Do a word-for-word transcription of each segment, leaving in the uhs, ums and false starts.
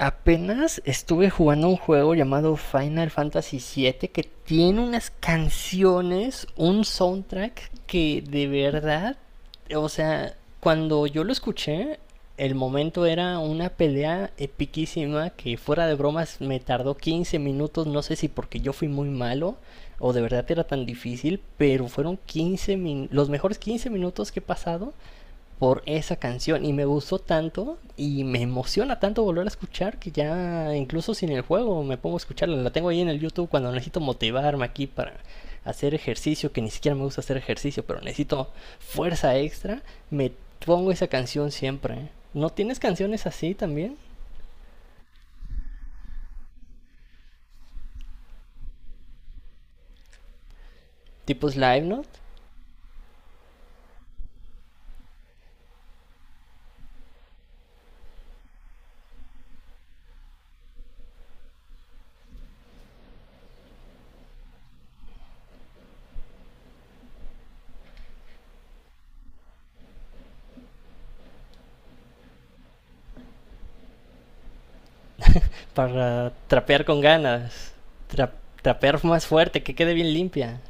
Apenas estuve jugando un juego llamado Final Fantasy siete que tiene unas canciones, un soundtrack que de verdad, o sea, cuando yo lo escuché, el momento era una pelea epiquísima que fuera de bromas me tardó quince minutos, no sé si porque yo fui muy malo o de verdad era tan difícil, pero fueron quince min- los mejores quince minutos que he pasado por esa canción y me gustó tanto y me emociona tanto volver a escuchar que ya incluso sin el juego me pongo a escucharla. La tengo ahí en el YouTube cuando necesito motivarme aquí para hacer ejercicio, que ni siquiera me gusta hacer ejercicio, pero necesito fuerza extra, me pongo esa canción siempre. ¿Eh? ¿No tienes canciones así también? Tipo Slime Note para trapear con ganas, tra- trapear más fuerte, que quede bien limpia.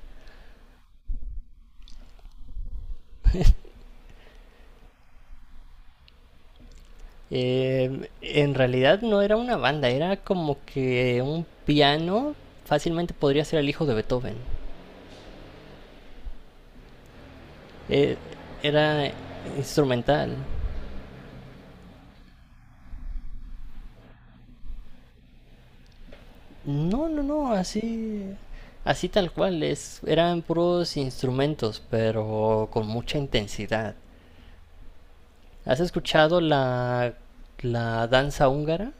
Eh, en realidad no era una banda, era como que un piano fácilmente podría ser el hijo de Beethoven. Eh, Era instrumental. No, no, no, así, así tal cual. Es, eran puros instrumentos, pero con mucha intensidad. ¿Has escuchado la, la danza húngara?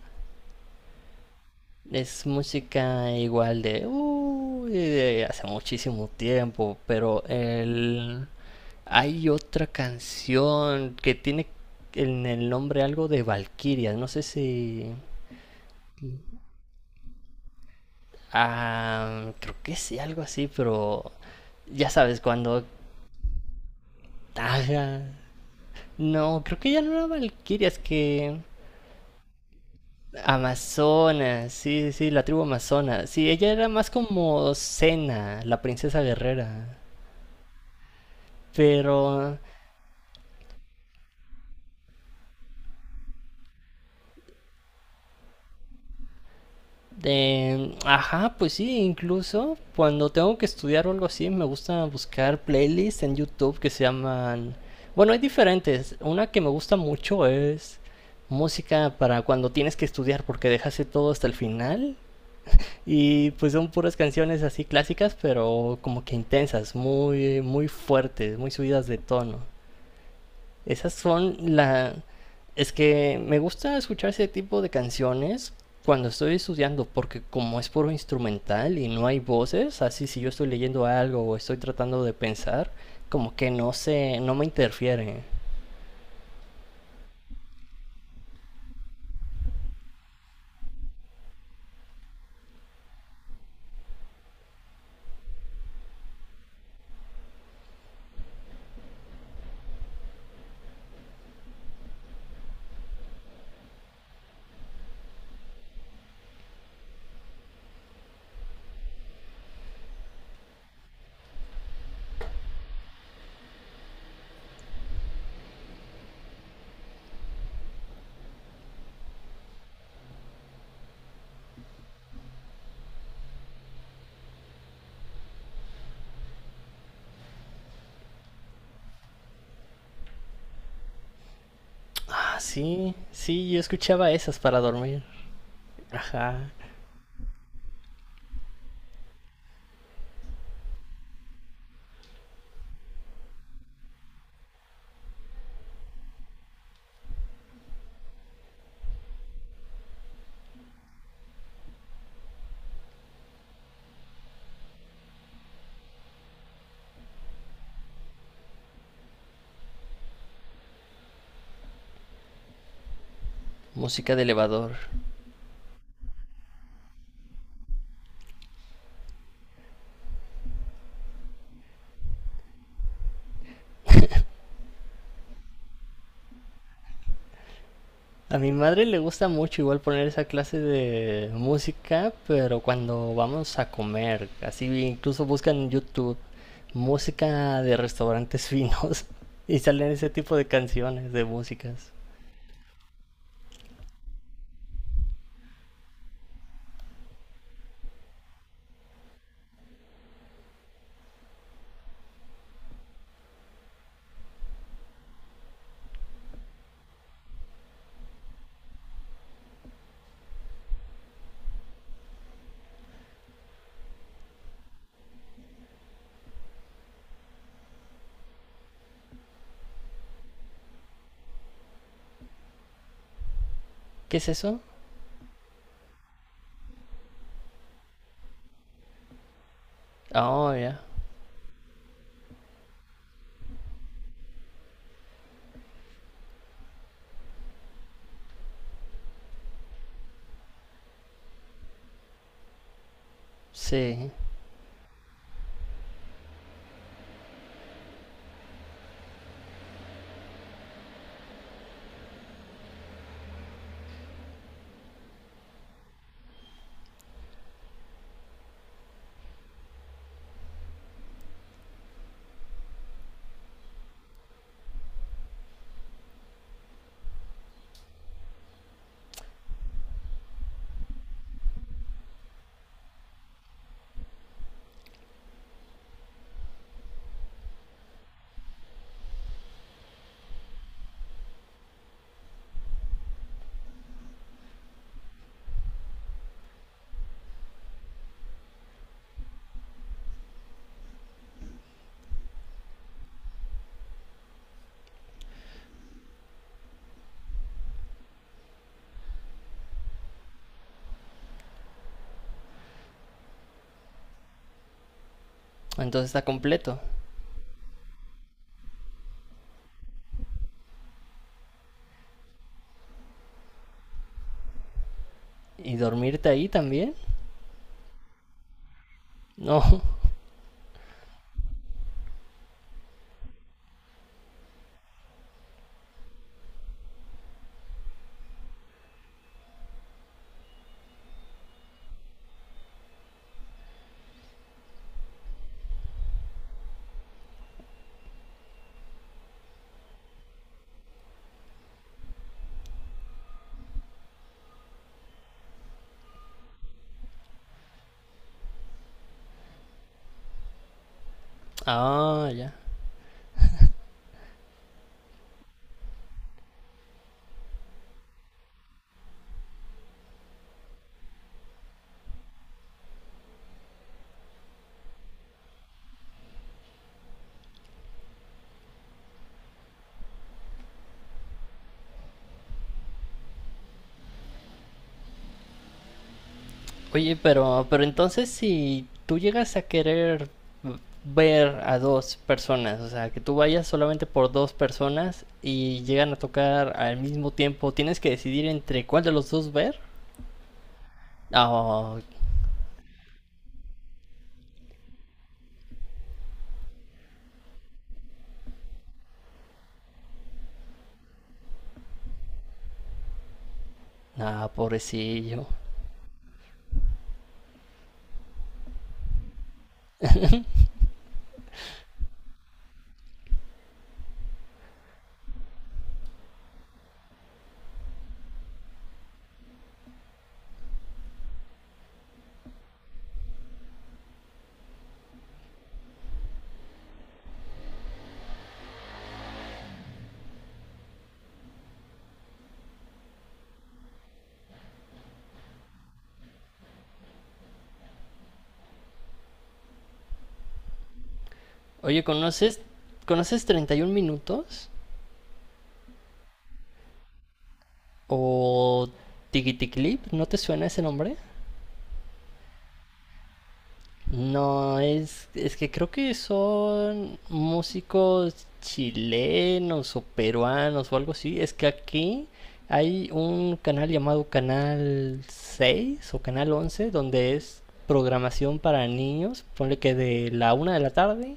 Es música igual de, uy, de hace muchísimo tiempo, pero el, hay otra canción que tiene en el nombre algo de valquirias, no sé si. Ah, creo que sí, algo así, pero ya sabes, cuando. Ah, no, creo que ya no era Valkyrias, que. Amazonas, sí, sí, la tribu Amazona. Sí, ella era más como Cena, la princesa guerrera. Pero. De, ajá, pues sí, incluso cuando tengo que estudiar o algo así, me gusta buscar playlists en YouTube que se llaman. Bueno, hay diferentes. Una que me gusta mucho es música para cuando tienes que estudiar porque dejaste todo hasta el final. Y pues son puras canciones así clásicas, pero como que intensas, muy, muy fuertes, muy subidas de tono. Esas son la. Es que me gusta escuchar ese tipo de canciones cuando estoy estudiando, porque como es puro instrumental y no hay voces, así si yo estoy leyendo algo o estoy tratando de pensar, como que no se, no me interfiere. Ah, sí, sí, yo escuchaba esas para dormir. Ajá, música de elevador. A mi madre le gusta mucho igual poner esa clase de música, pero cuando vamos a comer, así incluso buscan en YouTube música de restaurantes finos y salen ese tipo de canciones, de músicas. ¿Qué es eso? Oh, ya. Sí. Entonces está completo. ¿Y dormirte ahí también? No. Ah, ya. Oye, pero, pero entonces si tú llegas a querer ver a dos personas, o sea, que tú vayas solamente por dos personas y llegan a tocar al mismo tiempo, tienes que decidir entre cuál de los dos ver. Ah, ah, pobrecillo. Oye, ¿conoces, ¿conoces 31 minutos? ¿O Tiki Clip? ¿No te suena ese nombre? No, es, es que creo que son músicos chilenos o peruanos o algo así. Es que aquí hay un canal llamado Canal seis o Canal once donde es programación para niños. Ponle que de la una de la tarde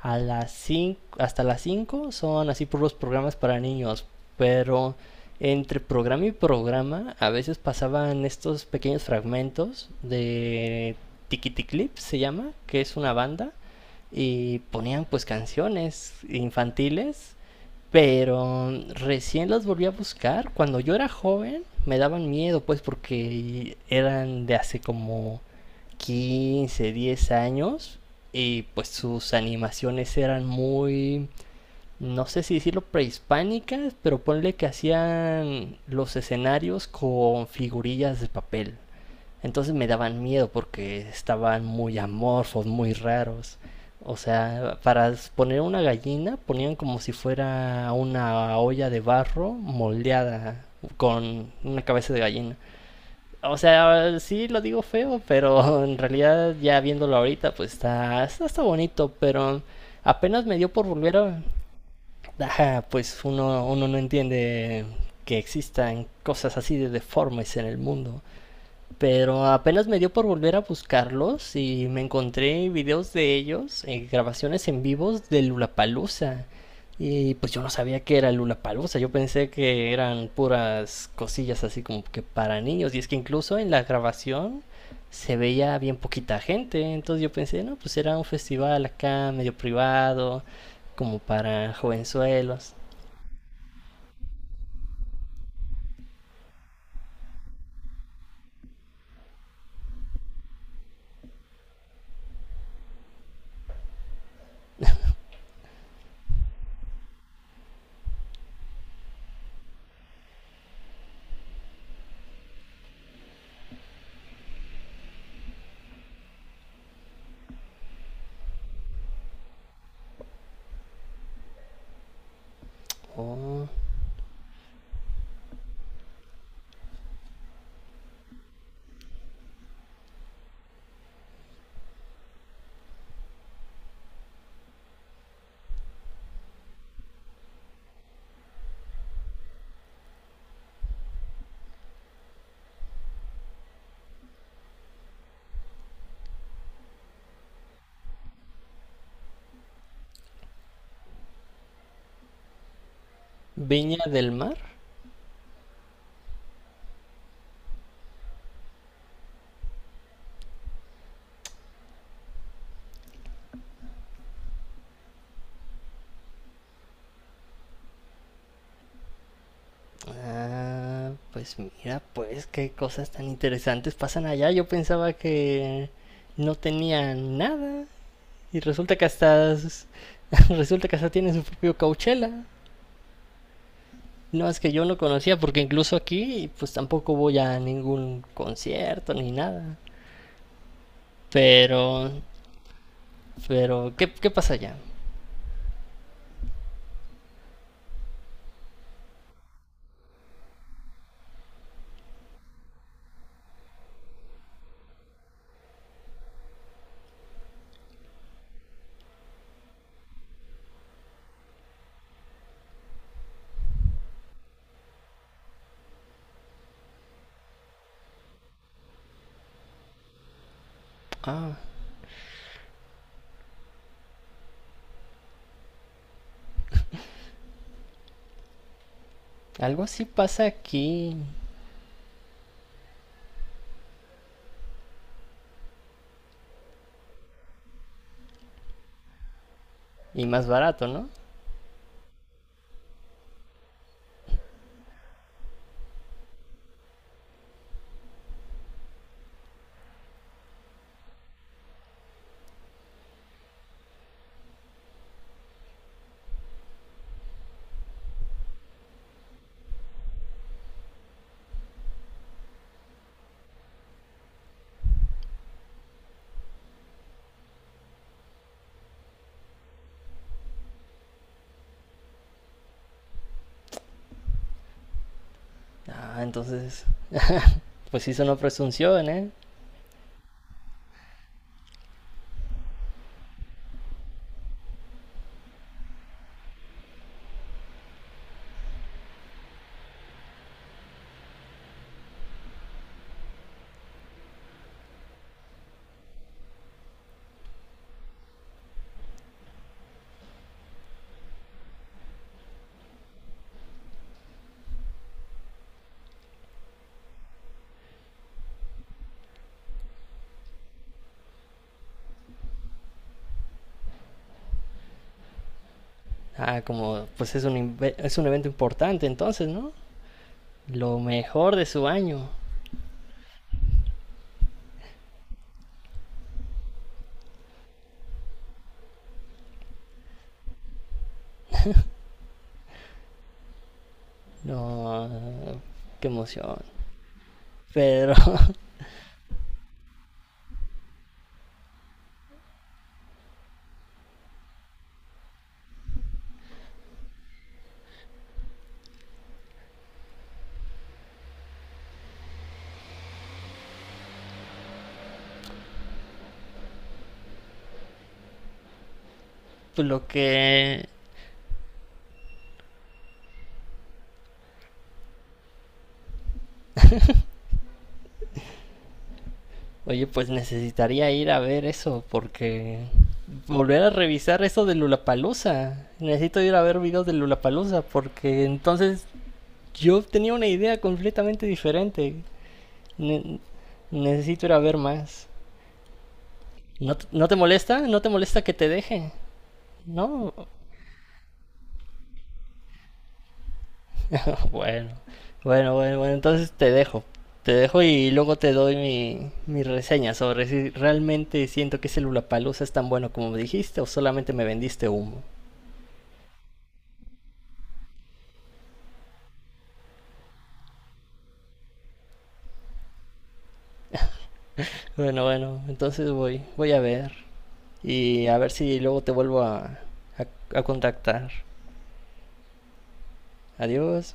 a las cinco, hasta las cinco son así puros programas para niños. Pero entre programa y programa a veces pasaban estos pequeños fragmentos de Tiquiticlip se llama, que es una banda, y ponían pues canciones infantiles, pero recién las volví a buscar. Cuando yo era joven me daban miedo pues porque eran de hace como quince diez años y pues sus animaciones eran muy, no sé si decirlo prehispánicas, pero ponle que hacían los escenarios con figurillas de papel. Entonces me daban miedo porque estaban muy amorfos, muy raros. O sea, para poner una gallina ponían como si fuera una olla de barro moldeada con una cabeza de gallina. O sea, sí lo digo feo, pero en realidad ya viéndolo ahorita pues está, está, está bonito, pero apenas me dio por volver a. Ajá, pues uno, uno no entiende que existan cosas así de deformes en el mundo. Pero apenas me dio por volver a buscarlos y me encontré videos de ellos, eh, grabaciones en vivos de Lulapalooza. Y pues yo no sabía que era Lulapalooza, yo pensé que eran puras cosillas así como que para niños. Y es que incluso en la grabación se veía bien poquita gente, entonces yo pensé, no, pues era un festival acá medio privado, como para jovenzuelos. Oh, Viña del Mar. Ah, pues mira, pues qué cosas tan interesantes pasan allá. Yo pensaba que no tenía nada y resulta que hasta s- resulta que hasta tiene su propio Coachella. No es que yo no conocía porque incluso aquí pues tampoco voy a ningún concierto ni nada. Pero pero ¿qué qué pasa allá? Ah, algo así pasa aquí y más barato, ¿no? Ah, entonces pues sí sonó presunción, ¿eh? Ah, como pues es un, inve- es un evento importante entonces, ¿no? Lo mejor de su año. No, qué emoción. Pero pues lo que. Oye, pues necesitaría ir a ver eso porque. Volver a revisar eso de Lulapalooza. Necesito ir a ver videos de Lulapalooza porque entonces yo tenía una idea completamente diferente. Ne- Necesito ir a ver más. ¿No, te- ¿No te molesta? ¿No te molesta que te deje? No, bueno, bueno, bueno, bueno, entonces te dejo. Te dejo y luego te doy mi, mi reseña sobre si realmente siento que Palusa es tan bueno como me dijiste o solamente me vendiste humo. Bueno, bueno, entonces voy, voy a ver y a ver si luego te vuelvo a, a, a contactar. Adiós.